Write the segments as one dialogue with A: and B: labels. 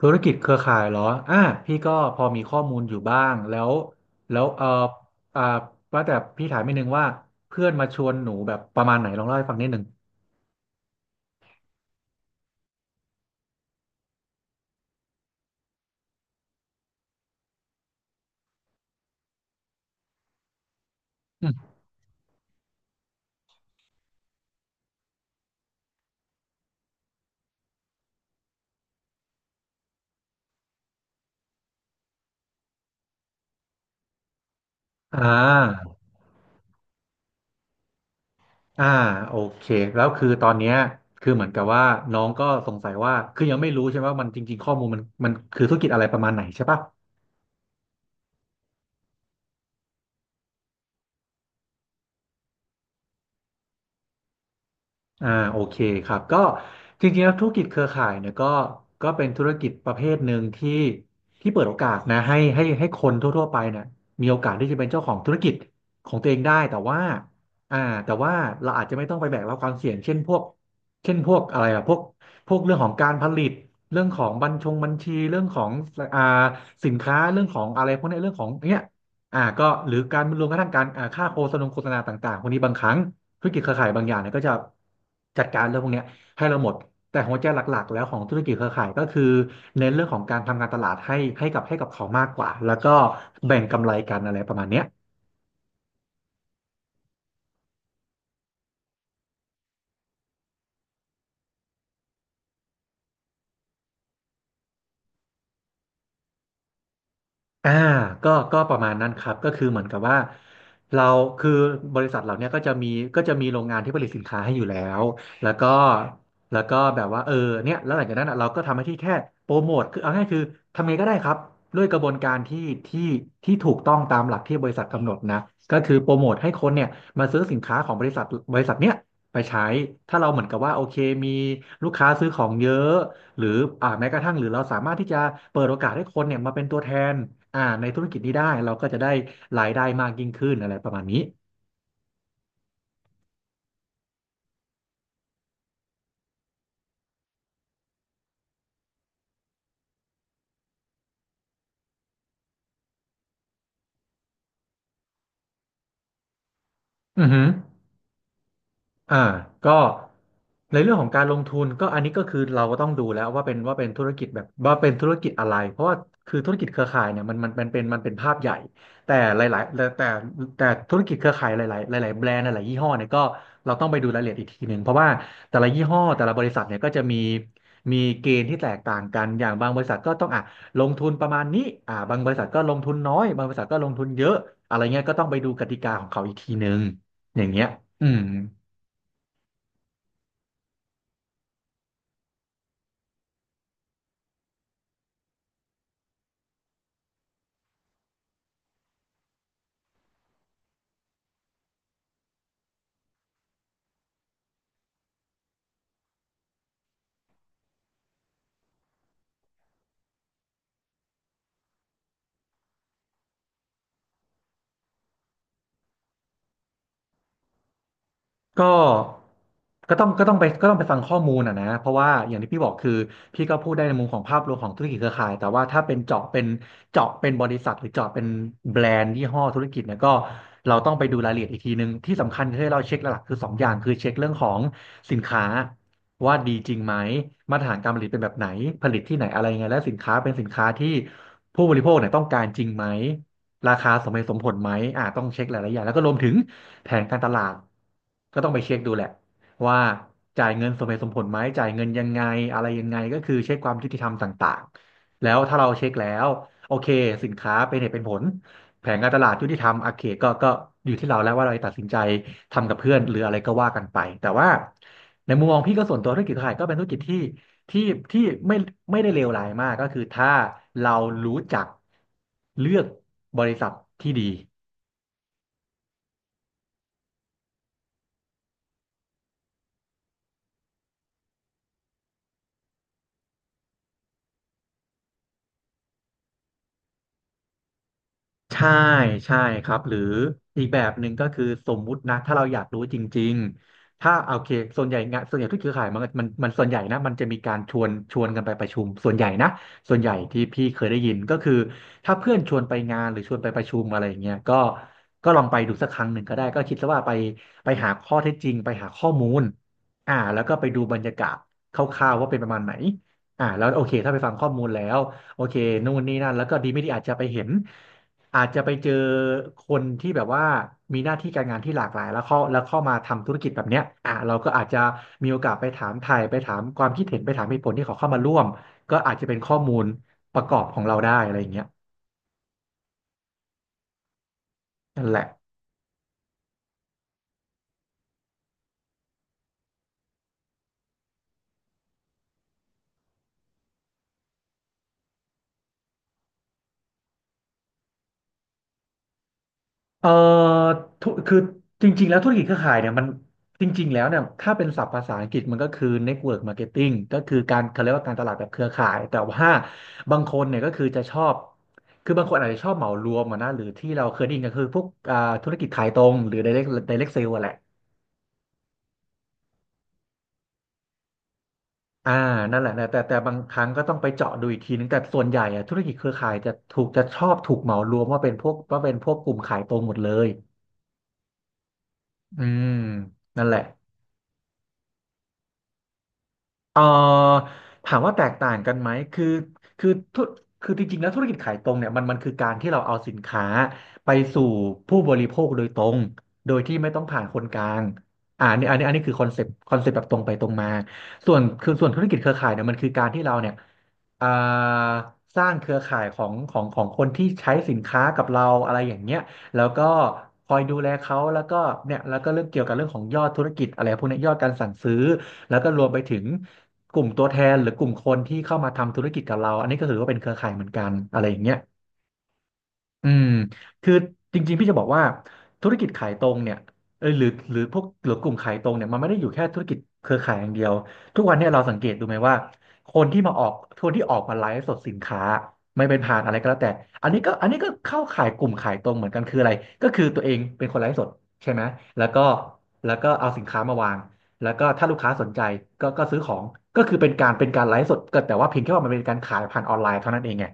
A: ธุรกิจเครือข่ายเหรออ่าพี่ก็พอมีข้อมูลอยู่บ้างแล้วแล้วอ่าว่าแต่พี่ถามนิดนึงว่าเพื่อนมาชวนหนูแบบประมาณไหนลองเล่าให้ฟังนิดนึงอืมอ่าอ่าโอเคแล้วคือตอนเนี้ยคือเหมือนกับว่าน้องก็สงสัยว่า คือยังไม่รู้ใช่ไหมว่ามันจริงๆข้อมูลมันคือธุรกิจอะไรประมาณไหนใช่ปะ โอเคครับก็จริงๆแล้วธุรกิจเครือข่ายเนี่ยก็เป็นธุรกิจประเภทหนึ่งที่เปิดโอกาสนะให้คนทั่วๆไปเนี่ยมีโอกาสที่จะเป็นเจ้าของธุรกิจของตัวเองได้แต่ว่าอ่าแต่ว่าเราอาจจะไม่ต้องไปแบกรับความเสี่ยงเช่นพวกอะไรอะพวกเรื่องของการผลิตเรื่องของบัญชีเรื่องของอ่าสินค้าเรื่องของอะไรพวกเนี้ยเรื่องของเนี้ยก็หรือการรวมกระทั่งการค่าโฆษณาต่างๆพวกนี้บางครั้ง ธุรกิจเครือข่ายบางอย่างเนี่ยก็จะจัดการเรื่องพวกเนี้ยให้เราหมด แต่หัวใจหลักๆแล้วของธุรกิจเครือข่ายก็คือเน้นเรื่องของการทำการตลาดให้ให้กับเขามากกว่าแล้วก็แบ่งกำไรกันอะไรประมาณเนี้ย อ่าก็ประมาณนั้นครับก็คือเหมือนกับว่าเราคือบริษัทเราเนี่ยก็จะมีโรงงานที่ผลิตสินค้าให้อยู่แล้วแล้วก็แบบว่าเนี่ยแล้วหลังจากนั้นอะเราก็ทำหน้าที่แค่โปรโมทคือเอาง่ายคือทำไงก็ได้ครับด้วยกระบวนการที่ที่ถูกต้องตามหลักที่บริษัทกำหนดนะก็คือโปรโมทให้คนเนี่ยมาซื้อสินค้าของบริษัทบริษัทเนี่ยไปใช้ถ้าเราเหมือนกับว่าโอเคมีลูกค้าซื้อของเยอะ หรือแม้กระทั่งหรือเราสามารถที่จะเปิดโอกาสให้คนเนี่ยมาเป็นตัวแทนในธุรกิจนี้ได้เราก็จะได้รายได้มากยิ่งขึ้นอะไรประมาณนี้อือหือ อ่าก็ในเรื่องของการลงทุนก็อันนี้ก็คือเราก็ต้องดูแล้วว่าเป็นธุรกิจแบบว่าเป็นธุรกิจอะไรเพราะว่าคือธุรกิจเครือข่ายเนี่ยมันเป็นภาพใหญ่แต่หลายๆแต่ธุรกิจเครือข่ายหลายๆหลายๆแบรนด์หลายๆยี่ห้อเนี่ยก็เราต้องไปดูรายละเอียดอีกทีหนึ่งเพราะว่าแต่ละยี่ห้อแต่ละบริษัทเนี่ยก็จะมีมีเกณฑ์ที่แตกต่างกันอย่างบางบริษัทก็ต้องอ่ะลงทุนประมาณนี้บางบริษัทก็ลงทุนน้อยบางบริษัทก็ลงทุนเยอะอะไรเงี้ยก็ต้องไปดูกติกาของเขาอีกทีหนึ่งอย่างเงี้ยอืม ก็ก็ต้องก็ต้องไปก็ต้องไปฟังข้อมูลอ่ะนะเพราะว่าอย่างที่พี่บอกคือพี่ก็พูดได้ในมุมของภาพรวมของธุรกิจเครือข่าย แต่ว่าถ้าเป็นเจาะเป็นบริษัทหรือเจาะเป็นแบรนด์ยี่ห้อธุรกิจเนี่ยก็เราต้องไปดูรายละเอียดอีกทีนึงที่สำคัญที่เราเช็คหลักๆคือสองอย่างคือเช็คเรื่องของสินค้าว่าดีจริงไหมมาตรฐานการผลิตเป็นแบบไหนผลิตที่ไหนอะไรยังไงและสินค้าเป็นสินค้าที่ผู้บริโภคเนี่ยต้องการจริงไหม ราคาสมเหตุสมผลไหมต้องเช็คหลายๆอย่างแล้วก็รวมถึงแผนการตลาดก็ต้องไปเช็คดูแหละว่าจ่ายเงินสมเหตุสมผลไหมจ่ายเงินยังไงอะไรยังไงก็คือเช็คความยุติธรรมต่างๆแล้วถ้าเราเช็คแล้วโอเคสินค้าเป็นเหตุเป็นผลแผนการตลาดยุติธรรมโอเคก็อยู่ที่เราแล้วว่าเราจะตัดสินใจทำกับเพื่อนหรืออะไรก็ว่ากันไปแต่ว่าในมุมมองพี่ก็ส่วนตัวธุรกิจขายก็เป็นธุรกิจที่ ที่ที่ไม่ไม่ได้เลวร้ายมากก็คือถ้าเรารู้จักเลือกบริษัทที่ดี ใช่ใช่ครับหรืออีกแบบหนึ่งก็คือสมมุตินะถ้าเราอยากรู้จริงๆถ้าโอเคส่วนใหญ่งานส่วนใหญ่ทุกเครือข่ายมันส่วนใหญ่นะมันจะมีการชวนกันไปประชุมส่วนใหญ่นะส่วนใหญ่ที่พี่เคยได้ยินก็คือถ้าเพื่อนชวนไปงานหรือชวนไปประชุมอะไรอย่างเงี้ยก็ลองไปดูสักครั้งหนึ่งก็ได้ก็คิดซะว่าไปหาข้อเท็จจริงไปหาข้อมูลแล้วก็ไปดูบรรยากาศคร่าวๆว่าเป็นประมาณไหนแล้วโอเคถ้าไปฟังข้อมูลแล้วโอเคนู่นนี่นั่นแล้วก็ดีไม่ดีอาจจะไปเห็น อาจจะไปเจอคนที่แบบว่ามีหน้าที่การงานที่หลากหลายแล้วเข้ามาทำธุรกิจแบบเนี้ยอ่ะเราก็อาจจะมีโอกาสไปถามความคิดเห็นไปถามเหตุผลที่เขาเข้ามาร่วมก็อาจจะเป็นข้อมูลประกอบของเราได้อะไรอย่างเงี้ยนั่นแหละ เอ่อคือจริงๆแล้วธุรกิจเครือข่ายเนี่ยมันจริงๆแล้วเนี่ยถ้าเป็นศัพท์ภาษาอังกฤษมันก็คือ network marketing ก็คือการเขาเรียกว่าการตลาดแบบเครือข่ายแต่ว่าบางคนเนี่ยก็คือจะชอบคือบางคนอาจจะชอบเหมารวมอะนะหรือที่เราเคยได้ยินก็คือพวกธุรกิจขายตรงหรือ direct sale อะแหละอ่านั่นแหละนะแต่บางครั้งก็ต้องไปเจาะดูอีกทีนึงแต่ส่วนใหญ่อะธุรกิจเครือข่ายจะชอบถูกเหมารวมว่าเป็นพวกกลุ่มขายตรงหมดเลยอืมนั่นแหละ เอ่อถามว่าแตกต่างกันไหมคือคือธุคือจริงๆแล้วธุรกิจขายตรงเนี่ยมันคือการที่เราเอาสินค้าไปสู่ผู้บริโภคโดยตรงโดยที่ไม่ต้องผ่านคนกลางอันนี้คือคอนเซปต์แบบตรงไปตรงมาส่วนธุรกิจเครือข่ายเนี่ยมันคือการที่เราเนี่ยอ่าสร้างเครือข่ายของคนที่ใช้สินค้ากับเราอะไรอย่างเงี้ยแล้วก็คอยดูแลเขาแล้วก็เนี่ยแล้วก็เรื่องเกี่ยวกับเรื่องของยอดธุรกิจอะไรพวกเนี้ยยอดการสั่งซื้อ แล้วก็รวมไปถึงกลุ่มตัวแทนหรือกลุ่มคนที่เข้ามาทำธุรกิจกับเราอันนี้ก็ถือว่าเป็นเครือข่ายเหมือนกันอะไรอย่างเงี้ย อืมคือจริงๆพี่จะบอกว่าธุรกิจขายตรงเนี่ยเอยหรือหรือพวกหรือกลุ่มขายตรงเนี่ยมันไม่ได้อยู่แค่ธุรกิจเครือข่ายอย่างเดียวทุกวันเนี่ยเราสังเกตดูไหมว่าคนที่มาออกคนที่ออกมาไลฟ์สดสินค้าไม่เป็นผ่านอะไรก็แล้วแต่อันนี้ก็เข้าขายกลุ่มขายตรงเหมือนกันคืออะไรก็คือตัวเองเป็นคนไลฟ์สดใช่ไหมแล้วก็แล้วก็เอาสินค้ามาวางแล้วก็ถ้าลูกค้าสนใจก็ซื้อของก็คือเป็นการไลฟ์สดก็แต่ว่าเพียงแค่ว่ามันเป็นการขายผ่านออนไลน์เท่านั้นเองไง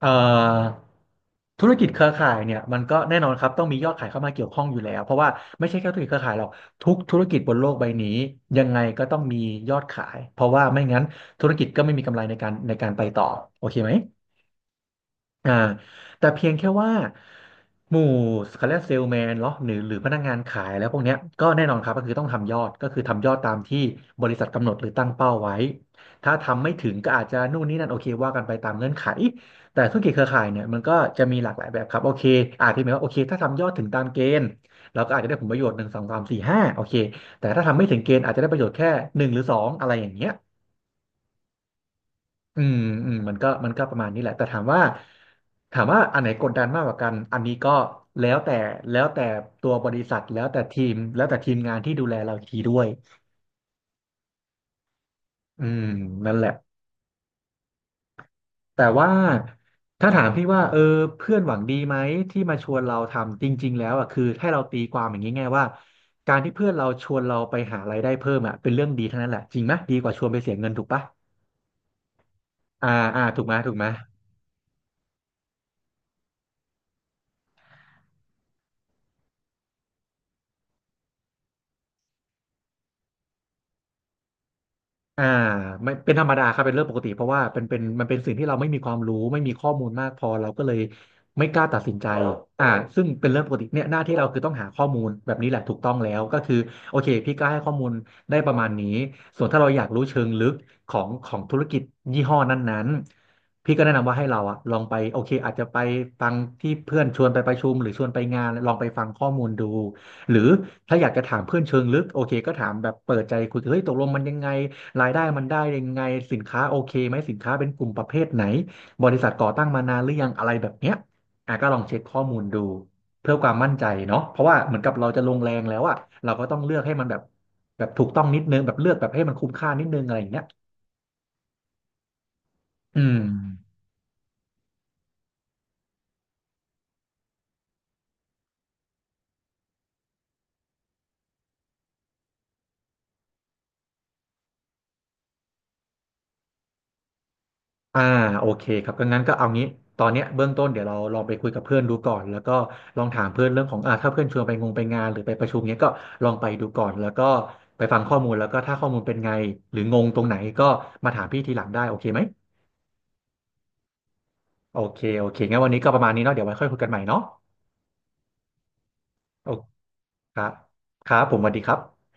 A: เอ่อธุรกิจเครือข่ายเนี่ยมันก็แน่นอนครับต้องมียอดขายเข้ามาเกี่ยวข้องอยู่แล้วเพราะว่าไม่ใช่แค่ธุรกิจเครือข่ายหรอกทุกธุรกิจบนโลกใบนี้ยังไงก็ต้องมียอดขายเพราะว่าไม่งั้นธุรกิจก็ไม่มีกำไรในการไปต่อโอเคไหม อ่าแต่เพียงแค่ว่าหมู่เขาเรียกเซลแมนเนาะหรือพนักงานขายแล้วพวกเนี้ยก็แน่นอนครับก็คือต้องทำยอดก็คือทำยอดตามที่บริษัทกำหนดหรือตั้งเป้าไว้ถ้าทำไม่ถึงก็อาจจะนู่นนี่นั่นโอเคว่ากันไปตามเงื่อนไขแต่ธุรกิจเครือข่ายเนี่ยมันก็จะมีหลากหลายแบบครับโอเคอาจจะหมายว่าโอเคถ้าทำยอดถึงตามเกณฑ์เราก็อาจจะได้ผลประโยชน์หนึ่งสองสามสี่ห้าโอเคแต่ถ้าทำไม่ถึงเกณฑ์อาจจะได้ประโยชน์แค่หนึ่งหรือสองอะไรอย่างเงี้ย อืมอืมมันก็ประมาณนี้แหละแต่ถามว่าอันไหนกดดันมากกว่ากันอันนี้ก็แล้วแต่แล้วแต่ตัวบริษัทแล้วแต่ทีมแล้วแต่ทีมงานที่ดูแลเราอีกทีด้วยอืมนั่นแหละแต่ว่าถ้าถามพี่ว่าเออเพื่อนหวังดีไหมที่มาชวนเราทำจริงๆแล้วอ่ะคือให้เราตีความอย่างนี้ไงว่าการที่เพื่อนเราชวนเราไปหารายได้เพิ่มอ่ะเป็นเรื่องดีทั้งนั้นแหละจริงไหมดีกว่าชวนไปเสียเงินถูกปะอ่าอ่าถูกไหมถูกไหม อ่าไม่เป็นธรรมดาครับเป็นเรื่องปกติเพราะว่าเป็นมันเป็นสิ่งที่เราไม่มีความรู้ไม่มีข้อมูลมากพอเราก็เลยไม่กล้าตัดสินใจอ่าซึ่งเป็นเรื่องปกติเนี่ยหน้าที่เราคือต้องหาข้อมูลแบบนี้แหละถูกต้องแล้วก็คือโอเคพี่ก็ให้ข้อมูลได้ประมาณนี้ส่วนถ้าเราอยากรู้เชิงลึกของธุรกิจยี่ห้อนั้นๆพี่ก็แนะนำว่าให้เราอะลองไปโอเคอาจจะไปฟังที่เพื่อนชวนไปประชุมหรือชวนไปงานลองไปฟังข้อมูลดูหรือถ้าอยากจะถามเพื่อนเชิงลึกโอเคก็ถามแบบเปิดใจคุยเฮ้ยตกลงมันยังไง รายได้มันได้ยังไงสินค้าโอเคไหมสินค้าเป็นกลุ่มประเภทไหนบริษัทก่อตั้งมานานหรือยังอะไรแบบเนี้ยอ่ะก็ลองเช็คข้อมูลดูเพื่อความมั่นใจเนาะเพราะว่าเหมือนกับเราจะลงแรงแล้วอะเราก็ต้องเลือกให้มันแบบแบบถูกต้องนิดนึงแบบเลือกแบบให้มันคุ้มค่านิดนึงอะไรอย่างเงี้ยอืม อ่าโอเคครับก็งั้นก็เอางี้ตอนเนี้ยเบื้องต้นเดี๋ยวเราลองไปคุยกับเพื่อนดูก่อนแล้วก็ลองถามเพื่อนเรื่องของถ้าเพื่อนชวนไปงงไปงานหรือไปประชุมเนี้ยก็ลองไปดูก่อนแล้วก็ไปฟังข้อมูลแล้วก็ถ้าข้อมูลเป็นไงหรืองงตรงไหนก็มาถามพี่ทีหลังได้โอเคไหมโอเคโอเคงั้นวันนี้ก็ประมาณนี้เนาะเดี๋ยวไว้ค่อยคุยกันใหม่เนาะโอเคครับครับผมสวัสดีครับ